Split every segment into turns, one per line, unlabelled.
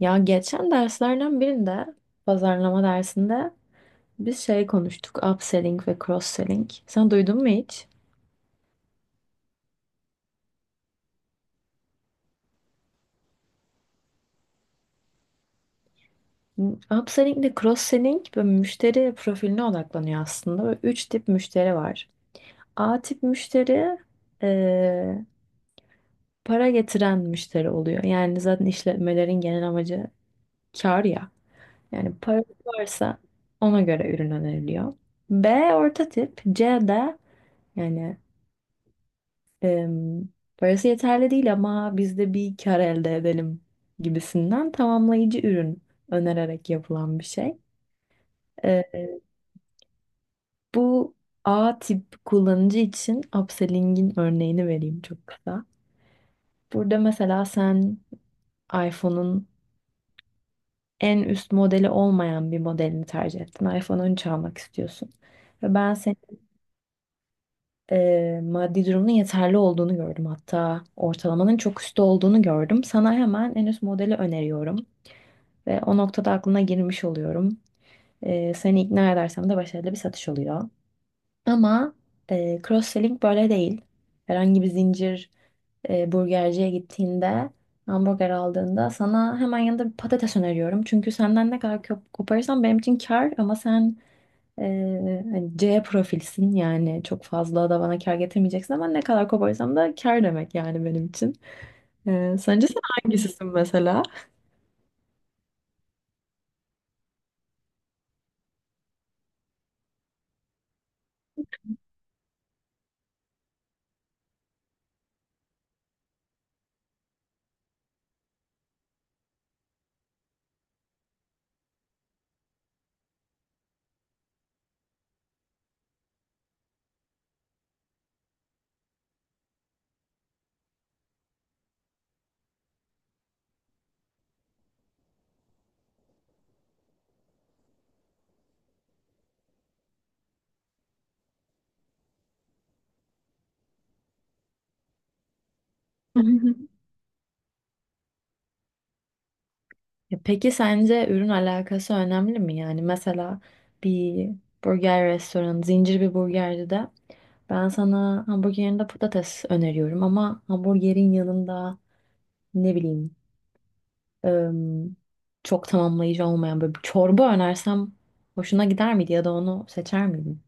Ya geçen derslerden birinde, pazarlama dersinde biz şey konuştuk, upselling ve cross-selling. Sen duydun mu hiç? Hmm, Upselling ile cross-selling böyle müşteri profiline odaklanıyor aslında. Böyle üç tip müşteri var. A tip müşteri eee, para getiren müşteri oluyor. Yani zaten işletmelerin genel amacı kar ya. Yani para varsa ona göre ürün öneriliyor. B orta tip, C de yani Em, parası yeterli değil ama biz de bir kar elde edelim gibisinden tamamlayıcı ürün önererek yapılan bir şey. E, bu A tip kullanıcı için upselling'in örneğini vereyim çok kısa. Burada mesela sen iPhone'un en üst modeli olmayan bir modelini tercih ettin. iPhone 13 almak istiyorsun. Ve ben senin maddi durumunun yeterli olduğunu gördüm. Hatta ortalamanın çok üstte olduğunu gördüm. Sana hemen en üst modeli öneriyorum. Ve o noktada aklına girmiş oluyorum. Seni ikna edersem de başarılı bir satış oluyor. Ama e, cross-selling böyle değil. Herhangi bir zincir burgerciye gittiğinde hamburger aldığında sana hemen yanında bir patates öneriyorum. Çünkü senden ne kadar koparırsam benim için kar, ama sen e, hani C profilsin, yani çok fazla da bana kar getirmeyeceksin, ama ne kadar koparırsam da kar demek yani benim için. Sence sen hangisisin mesela? Ya peki sence ürün alakası önemli mi? Yani mesela bir burger restoranı, zincir bir burgerci de ben sana hamburgerin de patates öneriyorum ama hamburgerin yanında ne bileyim ım, çok tamamlayıcı olmayan böyle bir çorba önersem hoşuna gider miydi ya da onu seçer miydin?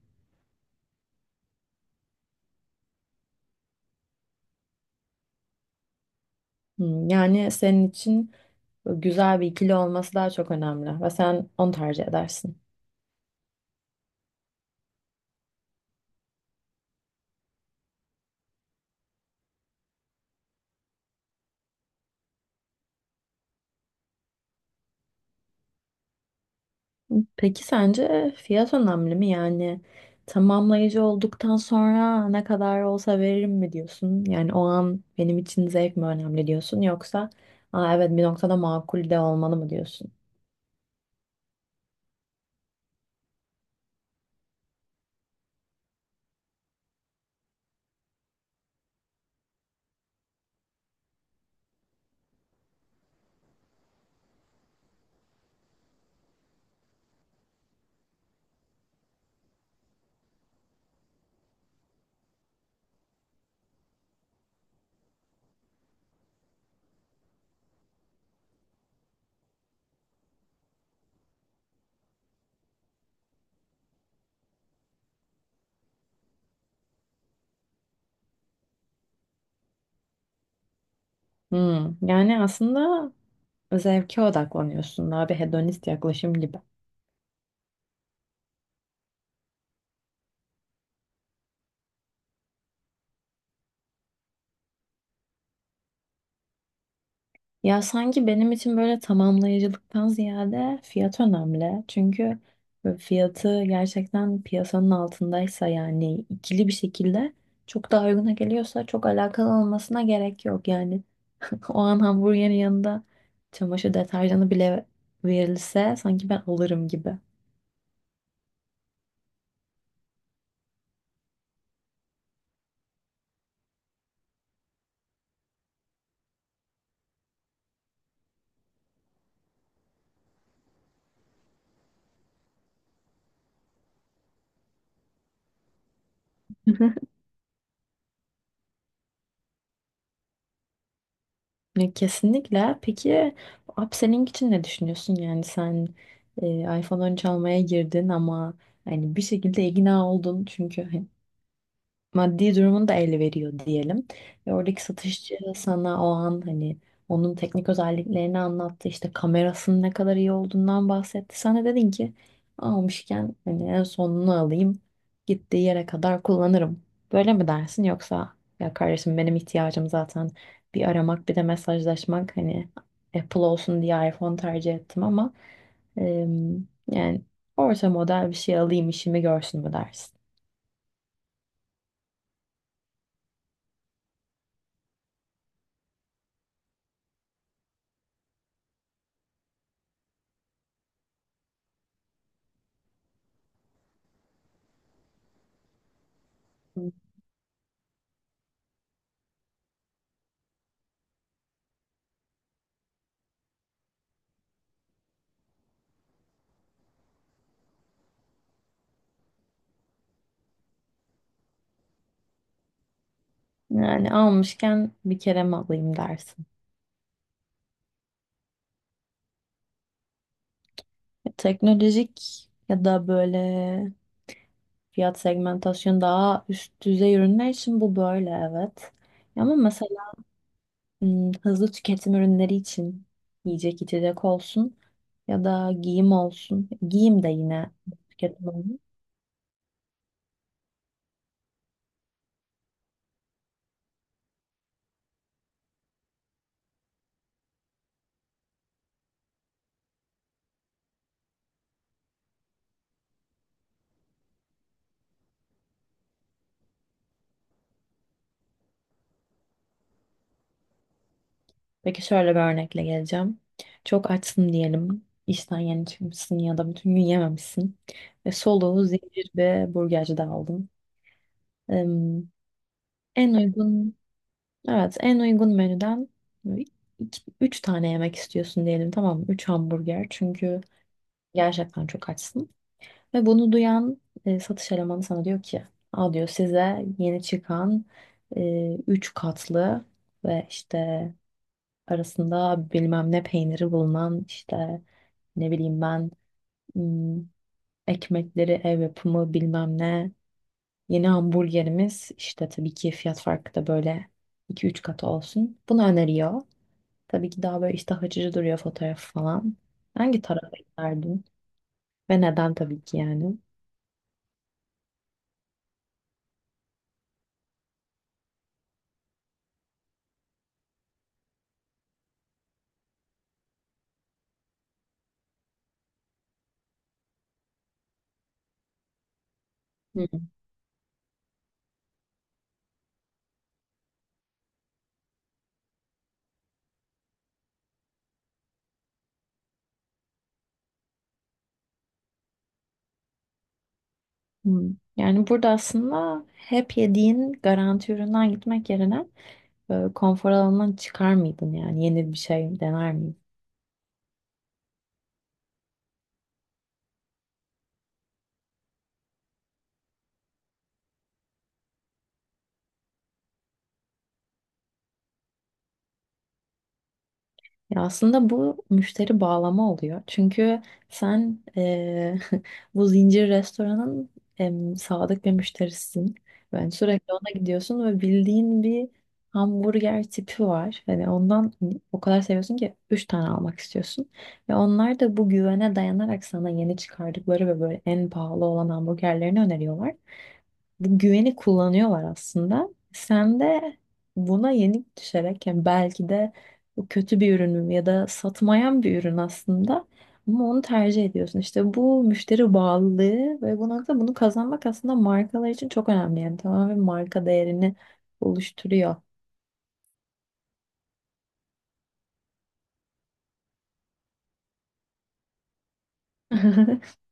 Yani senin için güzel bir ikili olması daha çok önemli ve sen onu tercih edersin. Peki sence fiyat önemli mi? Yani tamamlayıcı olduktan sonra ne kadar olsa veririm mi diyorsun? Yani o an benim için zevk mi önemli diyorsun, yoksa Aa, evet bir noktada makul de olmalı mı diyorsun? Yani aslında zevke odaklanıyorsun, daha bir hedonist yaklaşım gibi. Ya sanki benim için böyle tamamlayıcılıktan ziyade fiyat önemli. Çünkü böyle fiyatı gerçekten piyasanın altındaysa, yani ikili bir şekilde çok daha uyguna geliyorsa çok alakalı olmasına gerek yok. Yani o an hamburgerin yanında çamaşır deterjanı bile verilse sanki ben alırım gibi. Ya kesinlikle. Peki bu upselling için ne düşünüyorsun? Yani sen iPhone 13 almaya girdin ama hani bir şekilde ikna oldun çünkü maddi durumunu da ele veriyor diyelim. Ve oradaki satışçı sana o an hani onun teknik özelliklerini anlattı. İşte kamerasının ne kadar iyi olduğundan bahsetti. Sen de dedin ki almışken hani en sonunu alayım. Gittiği yere kadar kullanırım. Böyle mi dersin, yoksa ya kardeşim benim ihtiyacım zaten bir aramak bir de mesajlaşmak, hani Apple olsun diye iPhone tercih ettim ama yani orta model bir şey alayım işimi görsün mü dersin? Yani almışken bir kere mi alayım dersin. Teknolojik ya da böyle fiyat segmentasyon daha üst düzey ürünler için bu böyle evet. Ama mesela hızlı tüketim ürünleri için, yiyecek içecek olsun ya da giyim olsun. Giyim de yine tüketim ürünü. Peki şöyle bir örnekle geleceğim. Çok açsın diyelim. İşten yeni çıkmışsın ya da bütün gün yememişsin. Ve soluğu zincir ve burgercide aldın. Em, en uygun Evet, en uygun menüden iki, üç tane yemek istiyorsun diyelim, tamam mı? Üç hamburger, çünkü gerçekten çok açsın. Ve bunu duyan satış elemanı sana diyor ki, Aa, diyor, size yeni çıkan üç katlı ve işte arasında bilmem ne peyniri bulunan, işte ne bileyim ben hmm, ekmekleri ev yapımı bilmem ne yeni hamburgerimiz, işte tabii ki fiyat farkı da böyle iki üç katı olsun. Bunu öneriyor. Tabii ki daha böyle iştah açıcı duruyor, fotoğraf falan. Hangi tarafa giderdin? Ve neden tabii ki yani? Hı. Hmm. Yani burada aslında hep yediğin garanti üründen gitmek yerine konfor alanından çıkar mıydın yani? Yeni bir şey dener miydin? Ya aslında bu müşteri bağlama oluyor. Çünkü sen bu zincir restoranın sadık bir müşterisin. Ben sürekli ona gidiyorsun ve bildiğin bir hamburger tipi var. Hani ondan o kadar seviyorsun ki 3 tane almak istiyorsun. Ve onlar da bu güvene dayanarak sana yeni çıkardıkları ve böyle en pahalı olan hamburgerlerini öneriyorlar, bu güveni kullanıyorlar aslında. Sen de buna yenik düşerek, yani belki de bu kötü bir ürün ya da satmayan bir ürün aslında, ama onu tercih ediyorsun. İşte bu müşteri bağlılığı, ve bu nokta bunu kazanmak aslında markalar için çok önemli. Yani tamamen marka değerini oluşturuyor.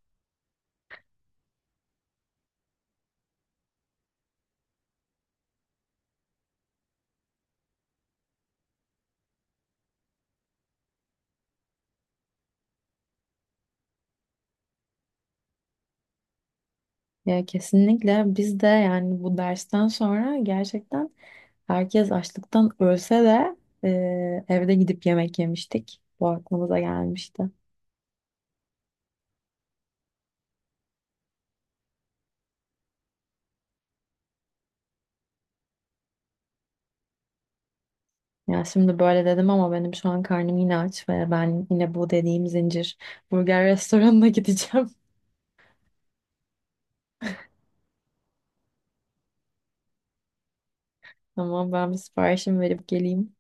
Ya kesinlikle, biz de yani bu dersten sonra gerçekten herkes açlıktan ölse de evde gidip yemek yemiştik. Bu aklımıza gelmişti. Ya şimdi böyle dedim ama benim şu an karnım yine aç, ve ben yine bu dediğim zincir burger restoranına gideceğim. Ama ben bir siparişimi verip geleyim.